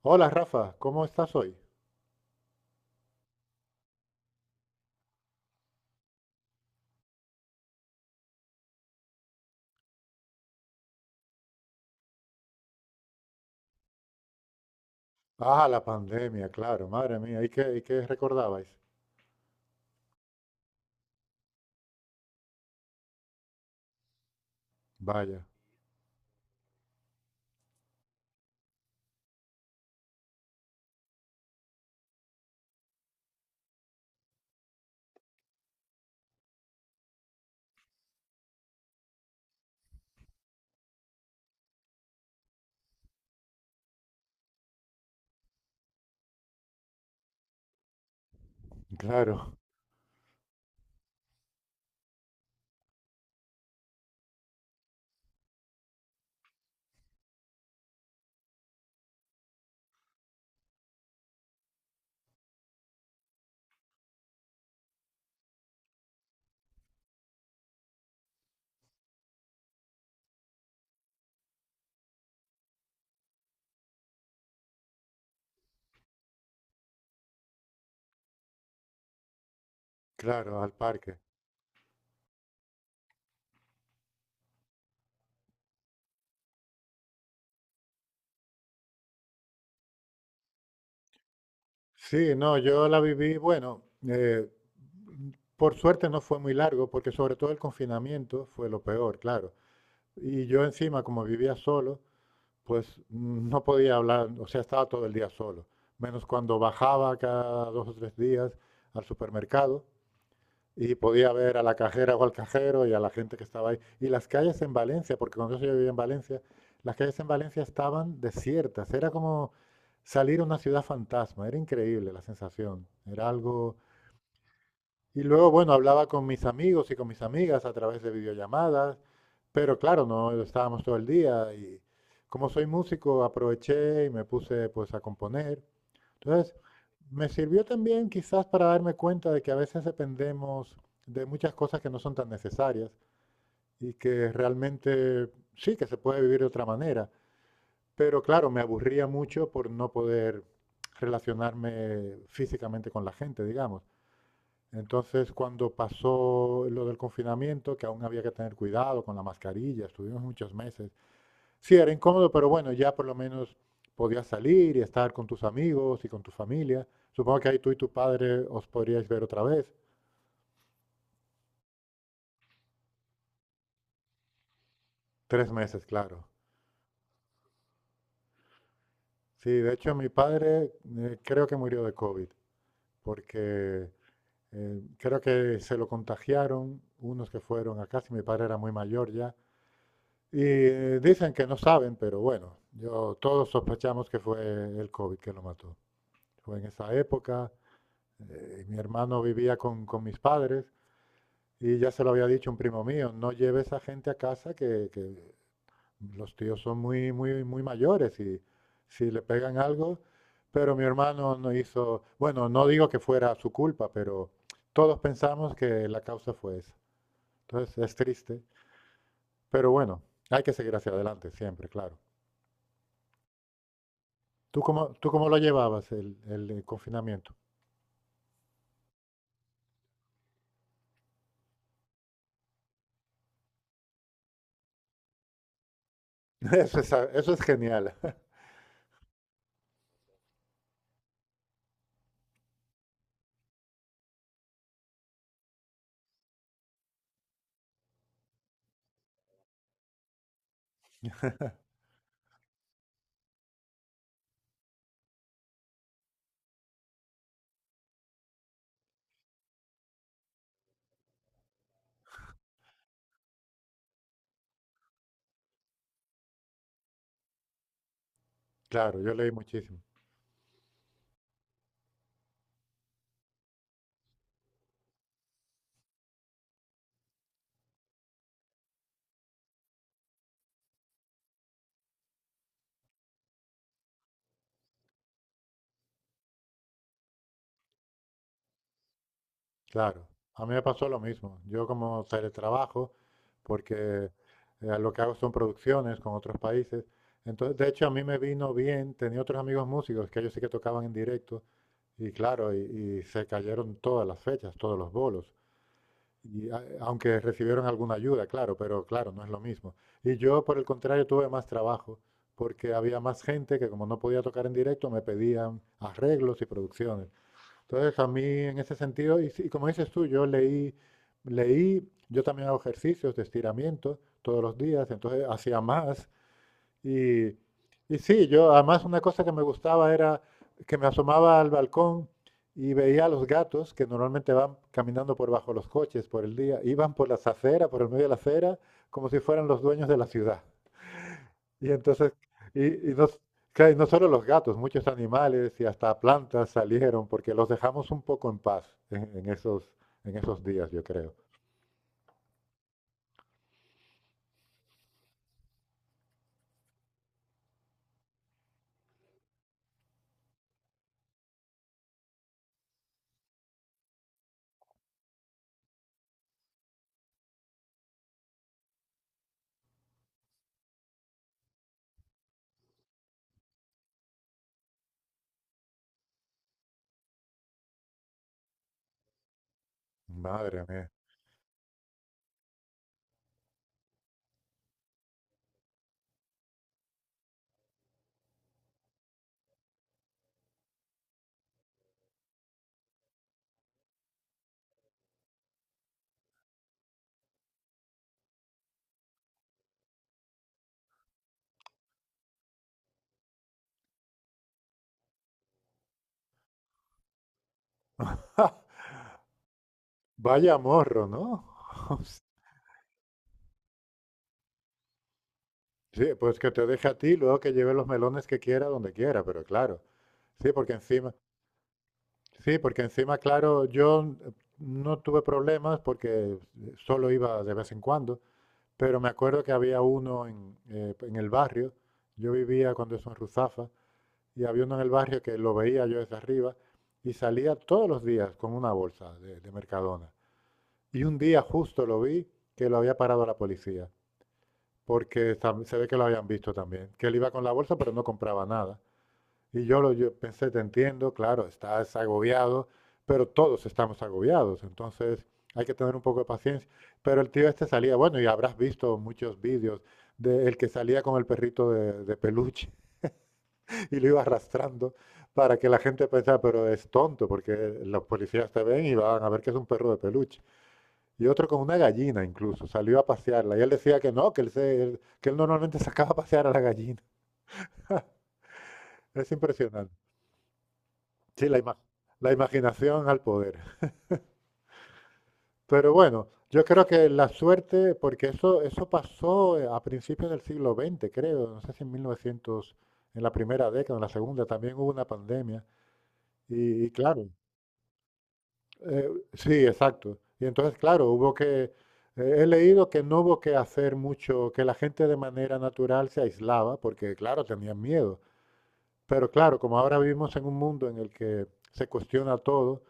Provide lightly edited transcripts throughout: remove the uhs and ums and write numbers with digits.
Hola Rafa, ¿cómo estás hoy? Ah, la pandemia, claro, madre mía, ¿y qué recordabais? Vaya, claro, claro, al parque. Sí, no, yo la viví, bueno, eh, por suerte no fue muy largo, porque sobre todo el confinamiento fue lo peor, claro. Y yo encima, como vivía solo, pues no podía hablar, o sea, estaba todo el día solo, menos cuando bajaba cada 2 o 3 días al supermercado y podía ver a la cajera o al cajero y a la gente que estaba ahí. Y las calles en Valencia, porque cuando yo sí vivía en Valencia, las calles en Valencia estaban desiertas. Era como salir a una ciudad fantasma. Era increíble la sensación. Era algo, y luego, bueno, hablaba con mis amigos y con mis amigas a través de videollamadas, pero claro, no estábamos todo el día, y como soy músico aproveché y me puse pues a componer. Entonces, me sirvió también quizás para darme cuenta de que a veces dependemos de muchas cosas que no son tan necesarias y que realmente sí que se puede vivir de otra manera, pero claro, me aburría mucho por no poder relacionarme físicamente con la gente, digamos. Entonces, cuando pasó lo del confinamiento, que aún había que tener cuidado con la mascarilla, estuvimos muchos meses. Sí, era incómodo, pero bueno, ya por lo menos podías salir y estar con tus amigos y con tu familia. Supongo que ahí tú y tu padre os podríais ver otra vez. 3 meses, claro. Sí, de hecho, mi padre creo que murió de COVID, porque creo que se lo contagiaron unos que fueron acá, si mi padre era muy mayor ya. Y dicen que no saben, pero bueno, yo, todos sospechamos que fue el COVID que lo mató. Fue en esa época, mi hermano vivía con mis padres, y ya se lo había dicho un primo mío, no lleves a gente a casa, que los tíos son muy, muy, muy mayores, y si le pegan algo, pero mi hermano no hizo, bueno, no digo que fuera su culpa, pero todos pensamos que la causa fue esa. Entonces es triste, pero bueno, hay que seguir hacia adelante siempre, claro. Tú cómo lo llevabas el confinamiento? Eso es, eso es genial. Claro, yo leí muchísimo. Claro, a mí me pasó lo mismo. Yo como teletrabajo, porque lo que hago son producciones con otros países. Entonces, de hecho, a mí me vino bien. Tenía otros amigos músicos que ellos sí que tocaban en directo. Y claro, y se cayeron todas las fechas, todos los bolos. Y, aunque recibieron alguna ayuda, claro, pero claro, no es lo mismo. Y yo, por el contrario, tuve más trabajo, porque había más gente que como no podía tocar en directo, me pedían arreglos y producciones. Entonces, a mí, en ese sentido, y, sí, y como dices tú, yo leí, leí, yo también hago ejercicios de estiramiento todos los días, entonces hacía más, y, y sí, yo además una cosa que me gustaba era que me asomaba al balcón y veía a los gatos, que normalmente van caminando por bajo los coches, por el día iban por las aceras, por el medio de la acera, como si fueran los dueños de la ciudad. Y entonces, y no, claro, y no solo los gatos, muchos animales y hasta plantas salieron porque los dejamos un poco en paz en esos días, yo creo. Madre mía. Vaya morro, ¿no? Sí, pues que te deje a ti, luego que lleve los melones que quiera, donde quiera, pero claro. Sí, porque encima, claro, yo no tuve problemas porque solo iba de vez en cuando, pero me acuerdo que había uno en, en el barrio, yo vivía cuando eso en Ruzafa, y había uno en el barrio que lo veía yo desde arriba, y salía todos los días con una bolsa de Mercadona. Y un día justo lo vi que lo había parado la policía, porque se ve que lo habían visto también, que él iba con la bolsa pero no compraba nada. Y yo, yo pensé, te entiendo, claro, estás agobiado, pero todos estamos agobiados, entonces hay que tener un poco de paciencia. Pero el tío este salía, bueno, y habrás visto muchos vídeos de el que salía con el perrito de peluche y lo iba arrastrando para que la gente pensara, pero es tonto, porque los policías te ven y van a ver que es un perro de peluche. Y otro con una gallina incluso, salió a pasearla. Y él decía que no, que él, que él normalmente sacaba a pasear a la gallina. Es impresionante. Sí, la imaginación al poder. Pero bueno, yo creo que la suerte, porque eso pasó a principios del siglo XX, creo, no sé si en 1900, en la primera década, en la segunda, también hubo una pandemia. Y claro, sí, exacto. Y entonces, claro, hubo que, he leído que no hubo que hacer mucho, que la gente de manera natural se aislaba, porque claro, tenían miedo. Pero claro, como ahora vivimos en un mundo en el que se cuestiona todo,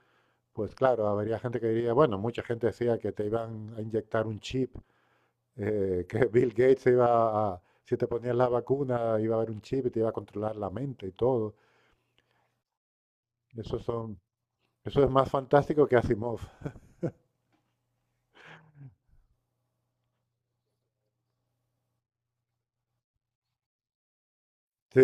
pues claro, habría gente que diría, bueno, mucha gente decía que te iban a inyectar un chip, que Bill Gates se iba a, si te ponías la vacuna, iba a haber un chip y te iba a controlar la mente y todo. Eso son, eso es más fantástico que Asimov. Sí,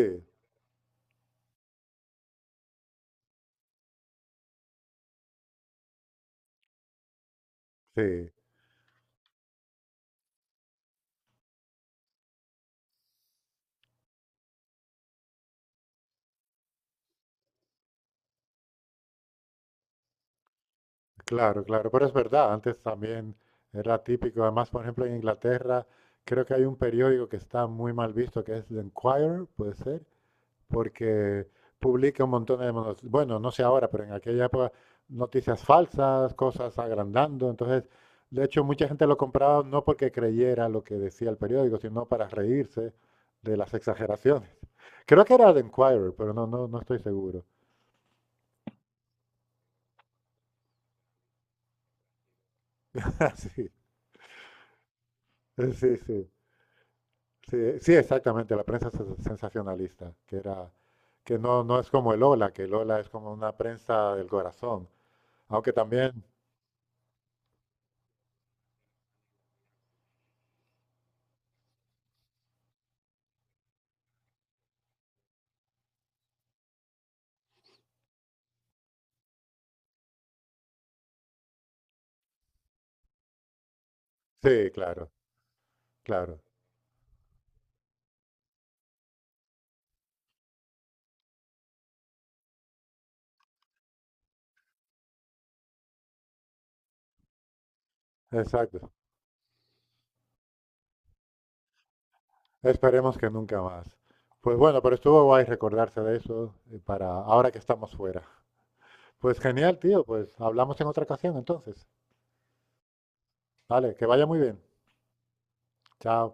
sí, Claro, claro, pero es verdad, antes también era típico, además, por ejemplo, en Inglaterra creo que hay un periódico que está muy mal visto, que es The Enquirer, puede ser, porque publica un montón de, bueno, no sé ahora, pero en aquella época noticias falsas, cosas agrandando, entonces, de hecho, mucha gente lo compraba no porque creyera lo que decía el periódico, sino para reírse de las exageraciones. Creo que era The Enquirer, pero no, no, no estoy seguro. Sí, sí, sí. Sí, sí, exactamente, la prensa sensacionalista, que era, que no, no es como el Ola, que el Ola es como una prensa del corazón, aunque también, sí, claro, claro, exacto. Esperemos que nunca más. Pues bueno, pero estuvo guay recordarse de eso para ahora que estamos fuera. Pues genial, tío, pues hablamos en otra ocasión entonces. Vale, que vaya muy bien. Chao.